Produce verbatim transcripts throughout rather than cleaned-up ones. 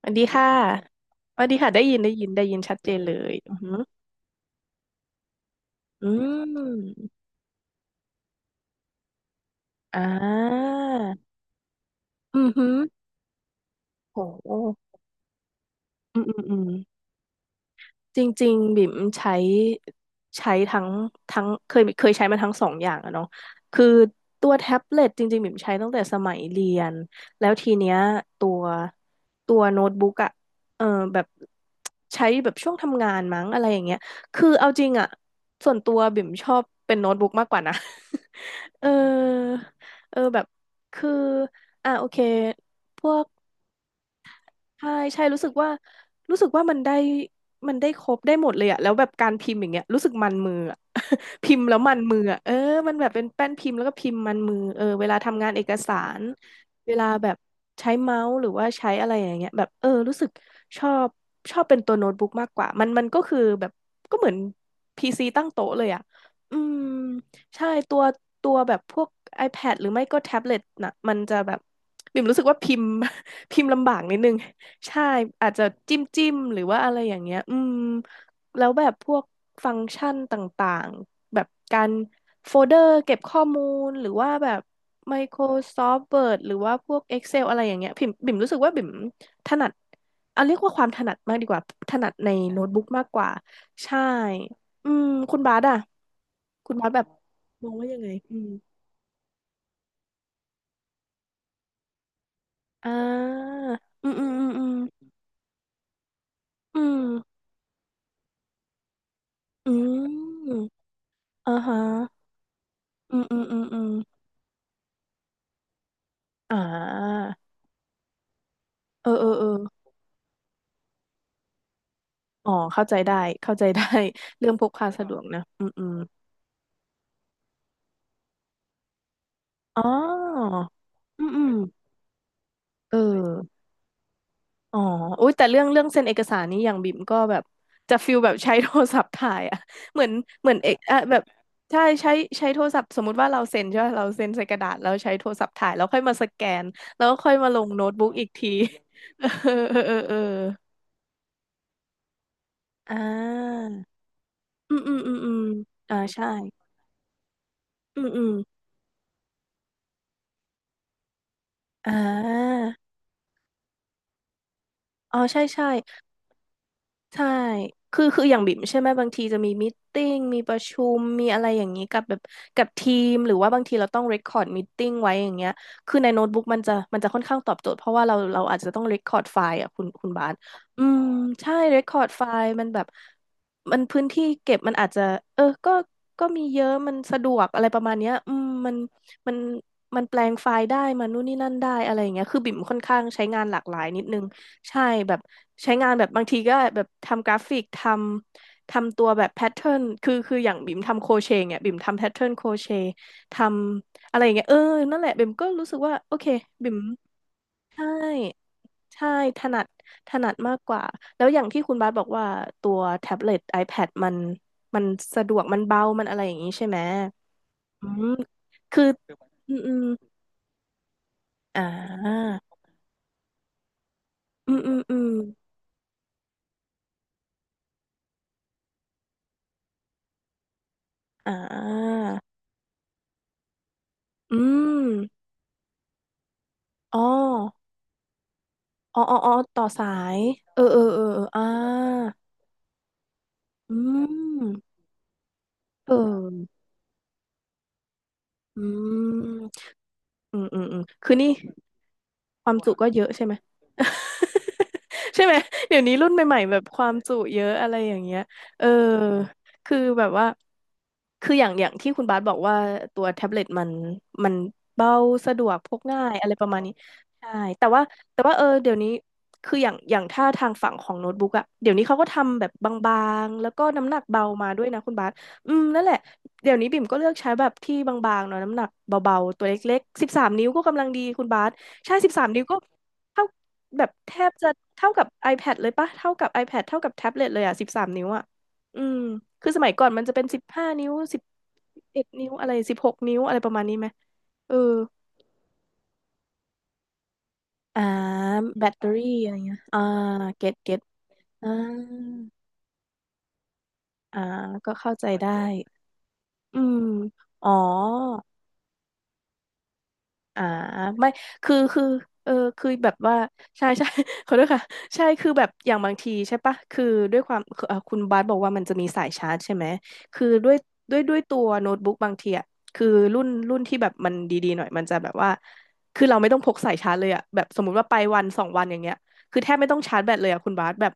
สวัสดีค่ะสวัสดีค่ะ ได้ยินได้ยินได้ยินชัดเจนเลย อือหืออืมอ่า อือหือโหอืมอืมอืม จริงๆบิ่มใช้ใช้ทั้งทั้งเคยเคยใช้มาทั้งสองอย่างอะเนาะคือตัวแท็บเล็ตจริงๆบิ่มใช้ตั้งแต่สมัยเรียนแล้วทีเนี้ยตัวตัวโน้ตบุ๊กอะเออแบบใช้แบบช่วงทำงานมั้งอะไรอย่างเงี้ยคือเอาจริงอะส่วนตัวบิ่มชอบเป็นโน้ตบุ๊กมากกว่านะ เออเออแบบคืออ่ะโอเคพวก ใช่ใช่รู้สึกว่ารู้สึกว่ามันได้มันได้ครบได้หมดเลยอะแล้วแบบการพิมพ์อย่างเงี้ยรู้สึกมันมืออะ พิมพ์แล้วมันมืออะเออมันแบบเป็นแป้นพิมพ์แล้วก็พิมพ์มันมือเออเวลาทำงานเอกสารเวลาแบบใช้เมาส์หรือว่าใช้อะไรอย่างเงี้ยแบบเออรู้สึกชอบชอบเป็นตัวโน้ตบุ๊กมากกว่ามันมันก็คือแบบก็เหมือนพีซีตั้งโต๊ะเลยอะอืมใช่ตัวตัวแบบพวก iPad หรือไม่ก็แท็บเล็ตน่ะมันจะแบบบิ่มรู้สึกว่าพิมพ์ พิมพ์ลำบากนิดนึง ใช่อาจจะจิ้มจิ้มหรือว่าอะไรอย่างเงี้ยอืมแล้วแบบพวกฟังก์ชันต่างๆแบบการโฟลเดอร์เก็บข้อมูลหรือว่าแบบ Microsoft Word หรือว่าพวก Excel อะไรอย่างเงี้ยบิ่มบิ่มรู้สึกว่าบิ่มถนัดเอาเรียกว่าความถนัดมากดีกว่าถนัดในโน้ตบุ๊กมากกว่าใช่อืมคุณบาสอะคุณบาสแบบมองว่ายังไงอืมอ่าอืมอืมอืมอืมอืมอืมอ่าฮะอืมอืมอืมอืม อ่าเออเออเอออ๋อเข้าใจได้เข้าใจได้ เรื่องพกพาสะดวกนะอืมอืมอ๋ออืมอืมเอออ๋ออุ้ยแต่เรื่องเรื่องเซ็นเอกสารนี้อย่างบิ่มก็แบบจะฟิลแบบใช้โทรศัพท์ถ่ายอะ เหมือนเหมือนเอกอะแบบใช่ใช้ใช้โทรศัพท์สมมุติว่าเราเซ็นใช่ไหมเราเซ็นใส่กระดาษแล้วใช้โทรศัพท์ถ่ายแล้วค่อยมาสแกนแล้วค่อยมาลงโน้ตบุ๊กอีกที เออเออเออเอออ่าอืมอืมอืมอืมอ่าใช่อืมอืมอ่า อ๋อใช่ใช่ใช่คือคืออย่างบิ่มใช่ไหมบางทีจะมีมตติ팅มีประชุมมีอะไรอย่างนี้กับแบบกับทีมหรือว่าบางทีเราต้อง r ร c คอร์ดม t i ิ팅ไว้อย่างเงี้ยคือในโน้ตบุ๊กมันจะมันจะค่อนข้างตอบโจทย์เพราะว่าเราเราอาจจะต้อง r ร c คอร์ดไฟล์อ่ะคุณคุณบาสอืมใช่ r ร c คอร์ดไฟล์มันแบบมันพื้นที่เก็บมันอาจจะเออก็ก็มีเยอะมันสะดวกอะไรประมาณเนี้ยอืมมันมันมันแปลงไฟล์ได้มันนู่นนี่นั่นได้อะไรอย่างเงี้ยคือบิ่มค่อนข้างใช้งานหลากหลายนิดนึง ใช่แบบใช้งานแบบบางทีก็แบบทำกราฟิกทำทำตัวแบบแพทเทิร์นคือคืออย่างบิ่มทำโครเชต์เนี่ยบิ่มทำแพทเทิร์นโครเชต์ทำอะไรอย่างเงี้ยเออนั่นแหละบิ่มก็รู้สึกว่าโอเคบิ่มใช่ใช่ถนัดถนัดมากกว่าแล้วอย่างที่คุณบาสบอกว่าตัวแท็บเล็ต iPad มันมันสะดวกมันเบามันอะไรอย่างงี้ใช่ไหมอืมคืออืมอืมอ่าอืมอืมอืมอ่าอืมอ๋อ อ๋ออ๋ออ๋อต่อสายเออเออเออเอออ่าอืมเอออืมอืมอืมอืมคือนี่ ความจุก็เยอะใช่ไหม ใช่ไหมเดี๋ยวนี้รุ่นใหม่ๆแบบความจุเยอะอะไรอย่างเงี้ยเออคือแบบว่าคืออย่างอย่างที่คุณบาสบอกว่าตัวแท็บเล็ตมันมันเบาสะดวกพกง่ายอะไรประมาณนี้ใช่แต่ว่าแต่ว่าเออเดี๋ยวนี้คืออย่างอย่างถ้าทางฝั่งของโน้ตบุ๊กอะเดี๋ยวนี้เขาก็ทำแบบบางๆแล้วก็น้ำหนักเบามาด้วยนะคุณบาสอืมนั่นแหละเดี๋ยวนี้บิ่มก็เลือกใช้แบบที่บางๆเนาะน้ำหนักเบาๆตัวเล็กๆสิบสามนิ้วก็กำลังดีคุณบาส ใช่สิบสามนิ้วก็เท่าแบบแทบจะเท่ากับ iPad เลยปะเท่ากับ iPad เท่ากับแท็บเล็ตเลยอ่ะสิบสามนิ้วอ่ะอืมคือสมัยก่อนมันจะเป็นสิบห้านิ้วสิบเอ็ดนิ้วอะไรสิบหกนิ้วอะไรประมาณนี้ไหมเอออ่าแบตเตอรี่อะไรเงี้ยอ่าเก็ตเก็ตอ่าอ่าก็เข้าใจได้อืมอ๋อ อ่าไม่คือคือเออคือแบบว่าใช่ใช่ ขอโทษค่ะใช่คือแบบอย่างบางทีใช่ปะคือด้วยความคือเอ่อคุณบาสบอกว่ามันจะมีสายชาร์จใช่ไหมคือด้วยด้วยด้วยตัวโน้ตบุ๊กบางทีอ่ะคือรุ่นรุ่นที่แบบมันดีๆหน่อยมันจะแบบว่าคือเราไม่ต้องพกสายชาร์จเลยอ่ะแบบสมมุติว่าไปวันสองวันอย่างเงี้ยคือแทบไม่ต้องชาร์จแบตเลยอ่ะคุณบาสแบบ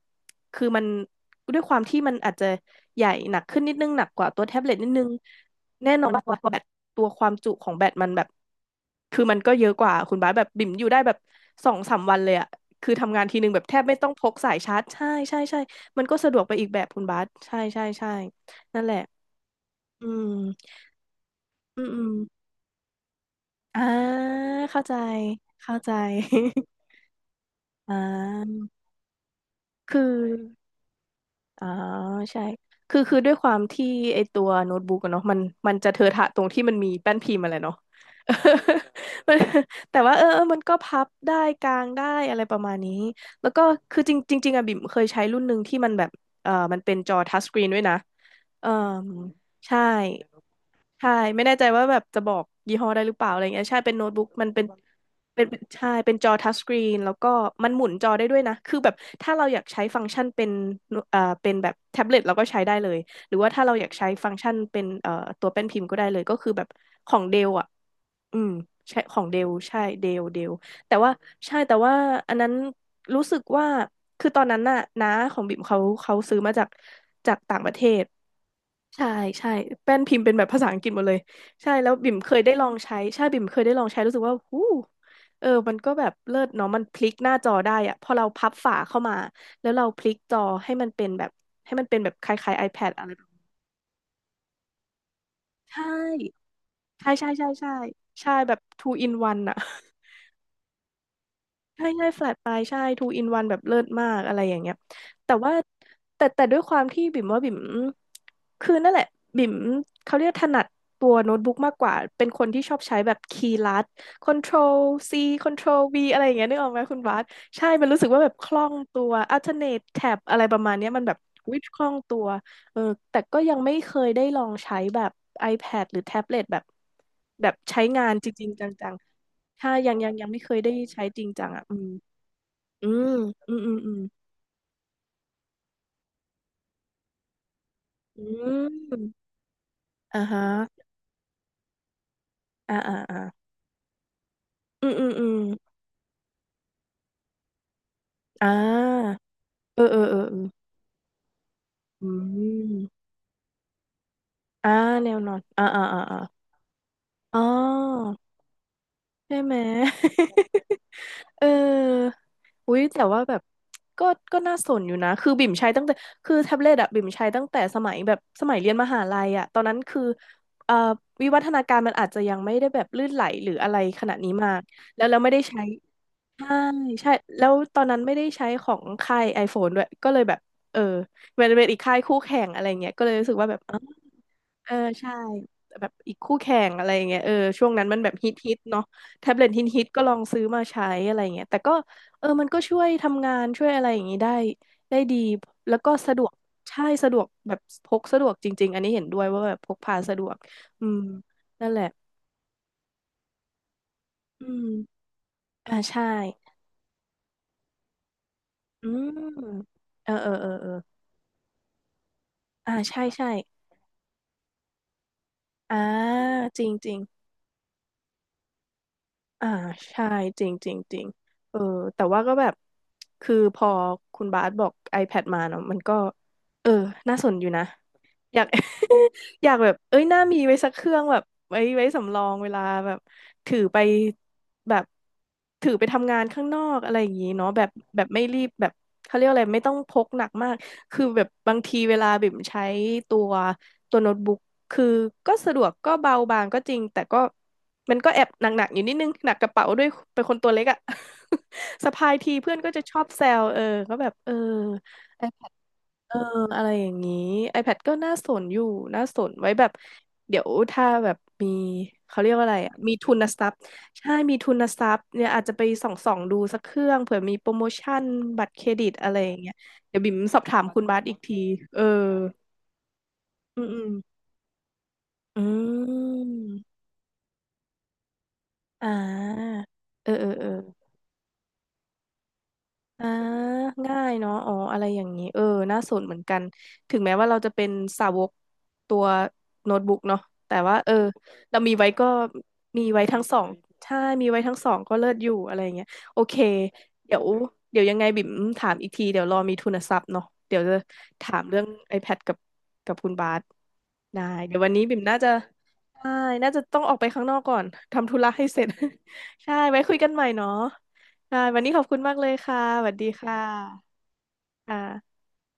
คือมันด้วยความที่มันอาจจะใหญ่หนักขึ้นนิดนึงหนักกว่าตัวแท็บเล็ตนิดนึง แน่นอนว่าแบตตัวความจุของแบต มันแบบ คือมันก็เยอะกว่า คุณบาสแบบบิ่มอยู่ได้แบบสองสามวันเลยอะคือทำงานทีนึงแบบแทบไม่ต้องพกสายชาร์จใช่ใช่ใช่มันก็สะดวกไปอีกแบบคุณบาสใช่ใช่ใช่นั่นแหละอืมอืมอืมอ่าเข้าใจ เข้าใจ อ่าคือ อ่าใช่ คือคือด้วยความที่ไอตัวโน้ตบุ๊กอะเนาะมันมันจะเทอะทะตรงที่มันมีแป้นพิมพ์อะไรเนาะ มันแต่ว่าเออเออมันก็พับได้กางได้อะไรประมาณนี้ แล้วก็คือจริงจริงๆอะบิ่มเคยใช้รุ่นหนึ่งที่มันแบบเออมันเป็นจอทัชสกรีนด้วยนะเออใช่ ใช่ไม่แน่ใจว่าแบบจะบอกยี่ห้อได้หรือเปล่าอะไรเงี้ยใช่เป็นโน้ตบุ๊กมันเป็นเป็นเป็นใช่เป็นจอทัชสกรีนแล้วก็มันหมุนจอได้ด้วยนะคือแบบถ้าเราอยากใช้ฟังก์ชันเป็น no- เอ่อเป็นแบบแท็บเล็ตเราก็ใช้ได้เลยหรือว่าถ้าเราอยากใช้ฟังก์ชันเป็นเอ่อตัวแป้นพิมพ์ก็ได้เลยก็คือแบบของเดลอ่ะอืมใช่ของเดลใช่เดลเดลแต่ว่าใช่แต่ว่าอันนั้นรู้สึกว่าคือตอนนั้นน่ะน้าของบิ่มเขาเขาซื้อมาจากจากต่างประเทศ ใช่ใช่แป้นพิมพ์เป็นแบบภาษาอังกฤษหมดเลยใช่แล้วบิ่มเคยได้ลองใช้ใช่บิ่มเคยได้ลองใช้รู้สึกว่าหูเออมันก็แบบเลิศเนาะมันพลิกหน้าจอได้อะพอเราพับฝาเข้ามาแล้วเราพลิกจอให้มันเป็นแบบให้มันเป็นแบบคล้ายๆ iPad อะไรแบบใช่ใช่ใช่ใช่ใช่ใช่แบบ two in one อะ ใช่ใช่แฟลตปลายใช่ทู in one แบบเลิศมาก อะไรอย่างเงี้ยแต่ว่าแต่แต่ด้วยความที่บิ่มว่าบิ่ม คือนั่นแหละ บิ่มเขาเรียกถนัดตัวโน้ตบุ๊กมากกว่า เป็นคนที่ชอบใช้แบบคีย์ลัด Control C Control V อะไรอย่างเงี้ยนึกออกไหมคุณบาสใช่ มันรู้สึกว่าแบบคล่องตัว Alternate Tab อะไรประมาณเนี้ยมันแบบวิคล่องตัวเออแต่ก็ยังไม่เคยได้ลองใช้แบบ iPad หรือแท็บเล็ตแบบแบบใช้งานจริงๆจัง ถ้ายังยังยังไม่เคยได้ใช้จริงจังอ่ะอืมอืมอืมอืมอืมอืมอ่าฮะอ่าอ่าอ่าอืมอืมอืมอ่าเออเออเออเอออืมอ่าแนวนอนอ่าอ่าอ่าอาอ๋อ ใช่ไหม เอออุ้ยแต่ว่าแบบก็ก็น่าสนอยู่นะคือบิ่มใช้ตั้งแต่คือแท็บเล็ตอะบิ่มใช้ตั้งแต่สมัยแบบสมัยเรียนมหาลัยอะตอนนั้นคือเอ่อวิวัฒนาการมันอาจจะยังไม่ได้แบบลื่นไหลหรืออะไรขนาดนี้มากแล้วเราไม่ได้ใช้ใช่ใช่แล้วตอนนั้นไม่ได้ใช้ของค่าย iPhone ด้วยก็เลยแบบเออมันเป็นอีกค่ายคู่แข่งอะไรเงี้ยก็เลยรู้สึกว่าแบบ เออใช่แบบอีกคู่แข่งอะไรอย่างเงี้ยเออช่วงนั้นมันแบบฮิตฮิตเนาะแท็บเล็ตฮิตฮิตก็ลองซื้อมาใช้อะไรอย่างเงี้ยแต่ก็เออมันก็ช่วยทำงานช่วยอะไรอย่างงี้ได้ได้ดีแล้วก็สะดวกใช่สะดวกแบบพกสะดวกจริงๆอันนี้เห็นด้วยว่าแบบพกพาสะดวกอืมนั่นแหละอืมอ่าใช่อืมเออเออเออเอออ่าใช่ใช่อ่าจริงจริง อ่าใช่จริงจริงจริงเออแต่ว่าก็แบบคือพอคุณบาสบอก iPad มาเนาะมันก็เออน่าสนอยู่นะอยาก อยากแบบเอ้ยน่ามีไว้สักเครื่องแบบไว้ไว้สำรองเวลาแบบถือไปแบบถือไปทำงานข้างนอกอะไรอย่างนี้เนาะแบบแบบไม่รีบแบบเขาเรียกอะไรไม่ต้องพกหนักมากคือแบบบางทีเวลาบิ่มใช้ตัวตัวโน้ตบุ๊กคือก็สะดวกก็เบาบางก็จริงแต่ก็ มันก็แอบหนักๆอยู่นิดนึงหนักกระเป๋าด้วยเป็นคนตัวเล็กอะ สะพายทีเพื่อนก็จะชอบแซวเออก็แบบเออ iPad เอออะไรอย่างนี้ iPad ก็น่าสนอยู่น่าสนไว้แบบเดี๋ยวถ้าแบบมีเขาเรียกว่าอะไรอะมีทุนทรัพย์ใช่มีทุนทรัพย์เนี่ยอาจจะไปส่องส่องดูสักเครื่องเผื่อมีโปรโมชั่นบัตรเครดิตอะไรอย่างเงี้ยเดี๋ยวบิ่มสอบถามคุณบาสอีกทีเอออืมอืมอืมอ่าเออเออเออ อ่าง่ายเนาะอ๋ออะไรอย่างนี้ เออน่าสนเหมือนกัน ถึงแม้ว่าเราจะเป็นสาวกตัวโน้ตบุ๊กเนาะแต่ว่าเออ เรามีไว้ก็มีไว้ทั้งสอง ใช่ มีไว้ทั้งสองก็เลิศอยู่อะไรอย่างเงี้ยโอเคเดี๋ยวเดี๋ยวยังไงบิ่มถามอีกทีเดี๋ยวรอมีทุนทรัพย์เนาะเดี๋ยวจะถามเรื่อง iPad กับกับคุณบาสได้เดี๋ยววันนี้บิ่มน่าจะใช่น่าจะต้องออกไปข้างนอกก่อนทำธุระให้เสร็จ ใช่ไว้คุยกันใหม่เนาะ ค่ะวันนี้ขอบคุณมากเลยค่ะสวัสดีค่ะค่ะ